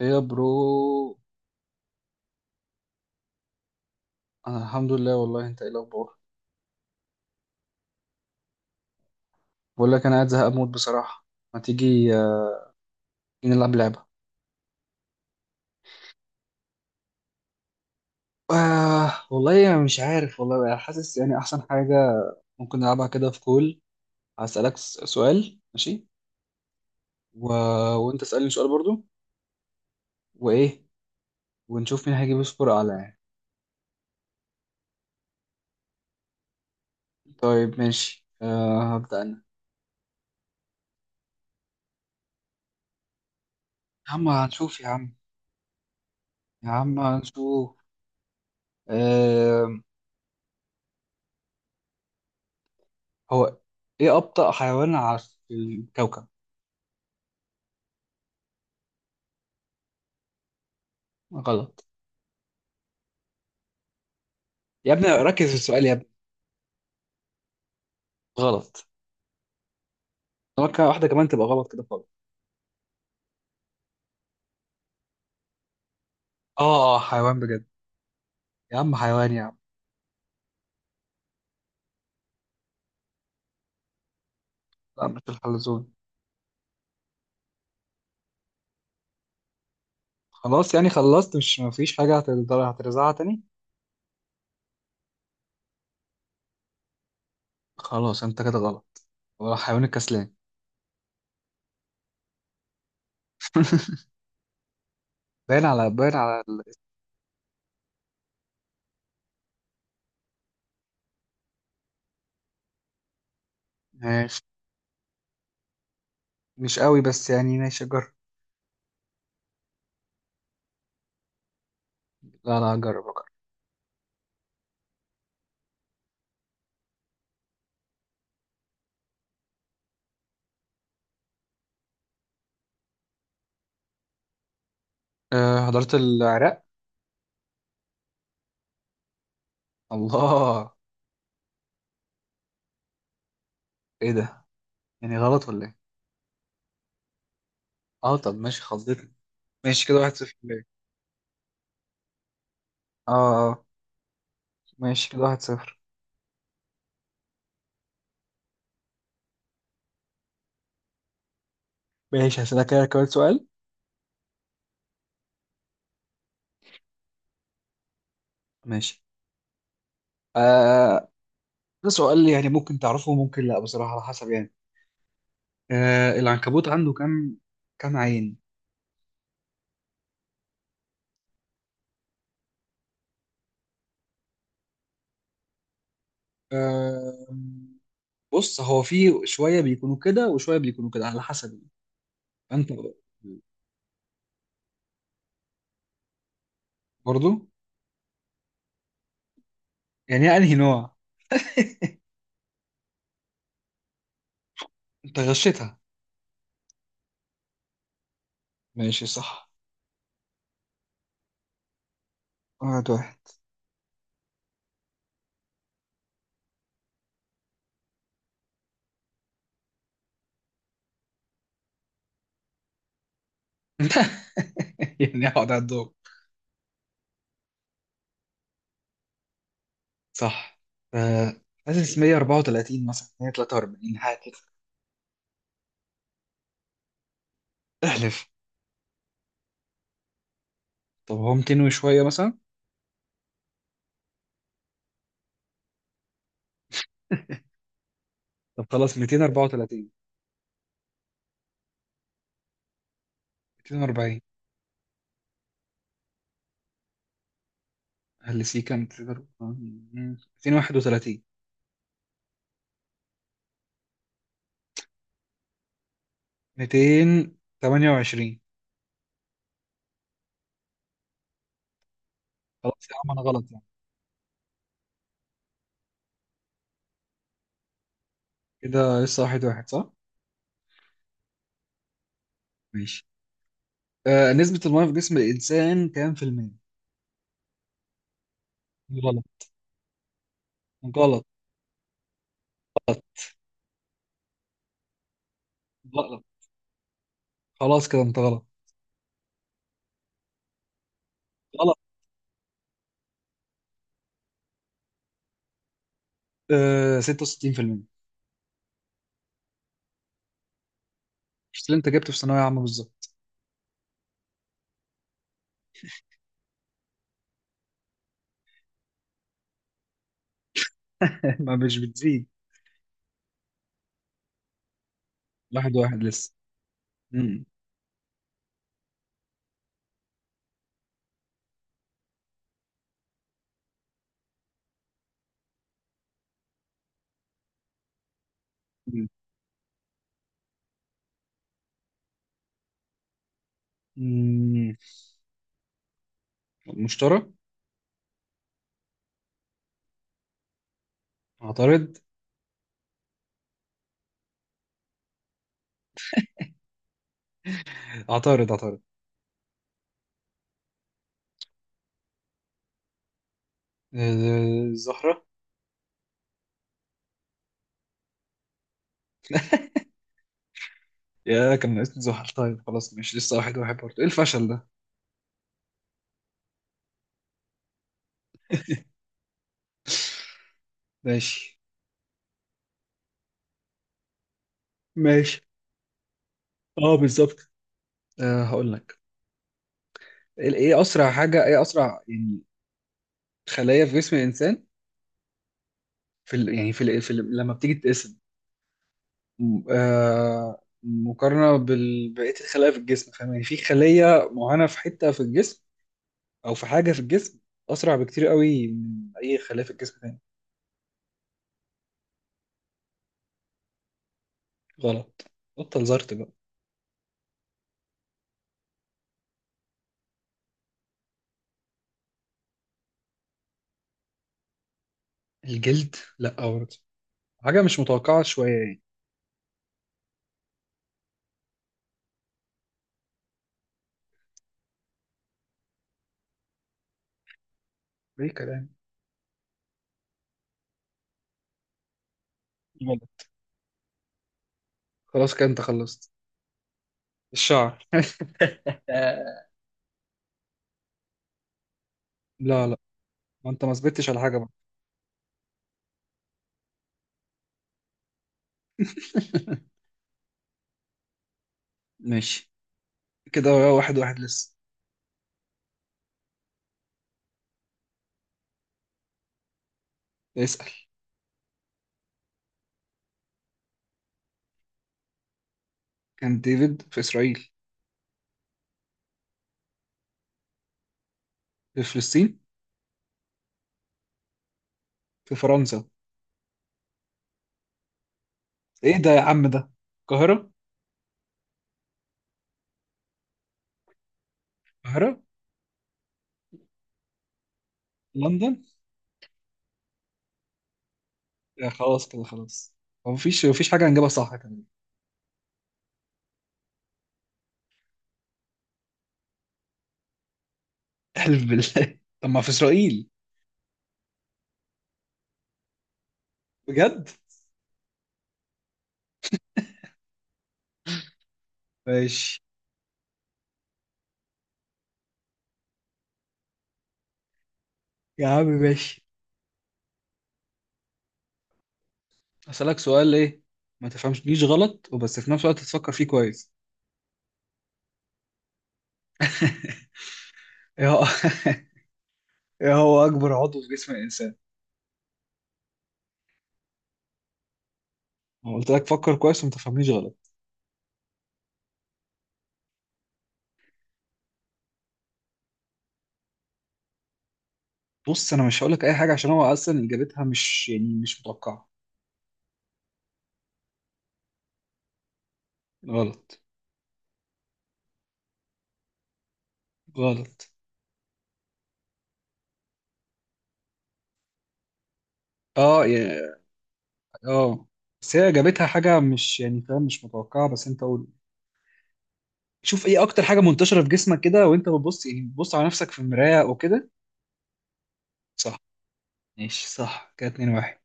ايه يا برو. انا الحمد لله، والله انت ايه الاخبار؟ بقول لك انا قاعد زهق موت بصراحه. ما تيجي نلعب لعبه. والله انا مش عارف، والله انا حاسس يعني احسن حاجه ممكن نلعبها كده في كول. هسالك سؤال ماشي. و... وانت اسالني سؤال برضو. وايه؟ ونشوف مين هيجيب سكور اعلى يعني. طيب ماشي، هبدا انا. يا عم هنشوف يا عم. يا عم هنشوف. آه هو ايه ابطأ حيوان على الكوكب؟ غلط. يا ابني ركز في السؤال يا ابني. غلط. ممكن واحدة كمان تبقى غلط كده خالص. اه اه، حيوان بجد. يا عم حيوان يا عم. لا مش الحلزون. خلاص يعني خلصت، مش مفيش حاجة هتقدر هترزعها تاني. خلاص انت كده غلط. هو حيوان الكسلان. باين على . ماشي. مش قوي بس يعني، ماشي جرب. لا لا، جرب جرب. أه، حضرت العراق. الله! ايه ده؟ يعني غلط ولا ايه؟ اه طب ماشي، خضتني. ماشي كده 1-0 ليه؟ اه اه، ماشي كده 1-0. ماشي، هسألك كده كمان سؤال. ماشي. آه ده سؤال يعني ممكن تعرفه وممكن لا، بصراحة على حسب يعني. العنكبوت عنده كام، كام عين؟ آه بص هو في شوية بيكونوا كده وشوية بيكونوا كده على حسب انت. برضو. يعني هي انهي نوع؟ انت غشيتها. ماشي صح. 1-1. يعني اقعد على الدور. صح. آه حاسس 134 مثلا، 143 حاجة كده. احلف. طب هو 200 وشوية مثلا. طب خلاص 234. 240. هل سي كام تقدر. 231. 228. خلاص يا عم انا غلط يعني. كده لسه 1-1 صح؟ ماشي. نسبة المياه في جسم الإنسان كام في المية؟ غلط. غلط. غلط. خلاص كده أنت غلط. غلط. 66% مش اللي أنت جبته في ثانوية عامة بالظبط؟ ما مش بتزيد. واحد واحد لسه. مم. مم. مم. مشترى. عطارد. عطارد عطارد. الزهرة. يا كان ناقصني زحل، طيب خلاص ماشي لسه 1-1 برضه، ايه الفشل ده؟ ماشي. ماشي اه بالظبط. هقول لك. ايه اسرع حاجه، ايه اسرع يعني خلايا في جسم الانسان، في ال... يعني في, ال... في ال... لما بتيجي تتقسم مقارنه بقيه الخلايا في الجسم، فاهم يعني، في خليه معينه في حته في الجسم او في حاجه في الجسم اسرع بكتير قوي من اي خلايا في الجسم تاني. غلط. بطل زرت بقى. الجلد لا برضه. حاجه مش متوقعه شويه يعني. ايه كلام. جميل. خلاص كده انت خلصت. الشعر. آه، لا لا، ما انت ما ثبتتش على حاجه بقى. ماشي كده 1-1 لسه. اسأل. كان ديفيد في اسرائيل. في فلسطين. في فرنسا. ايه ده يا عم ده؟ القاهره. القاهره. لندن. يا خلاص كده خلاص. هو مفيش حاجه هنجيبها صح كمان. احلف بالله. طب ما في اسرائيل. بجد. ماشي. يا عم ماشي اسالك سؤال ايه. ما تفهمش ليش غلط، وبس في نفس الوقت تفكر فيه كويس. ايه هو ايه هو اكبر عضو في جسم الانسان؟ انا قلت لك فكر كويس وما تفهمنيش غلط. بص انا مش هقول لك اي حاجه عشان هو اصلا اجابتها مش يعني مش متوقعه. غلط. غلط. اه يا. اه. بس هي اجابتها حاجه مش يعني، فاهم، مش متوقعه، بس انت قول. شوف ايه اكتر حاجه منتشره في جسمك كده وانت بتبص، يعني بتبص على نفسك في المرايه وكده. صح. ماشي صح كده 2-1.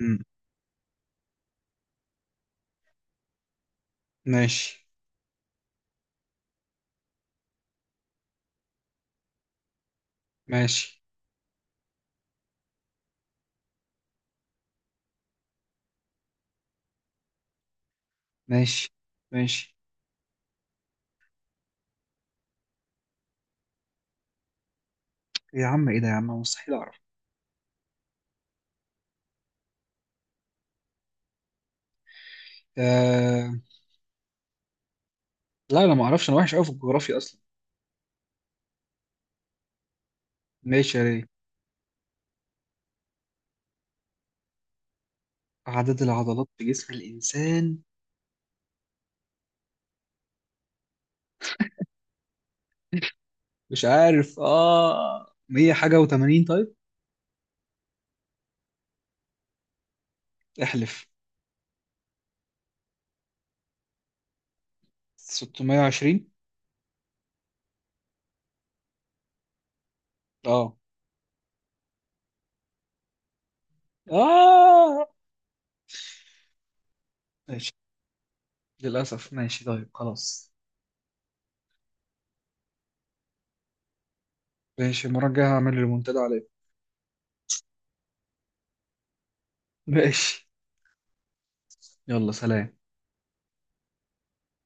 امم. ماشي ماشي ماشي ماشي. إيه يا عم، ايه ده يا عم مستحيل اعرف. آه... لا انا ما اعرفش، انا وحش قوي في الجغرافيا اصلا. ماشي يا ري. عدد العضلات في جسم الإنسان. مش عارف، مية حاجة وتمانين طيب. احلف. 620. اه. اه. ماشي. للأسف ماشي طيب خلاص. ماشي المرة الجاية هعمل المنتدى عليه. ماشي يلا سلام.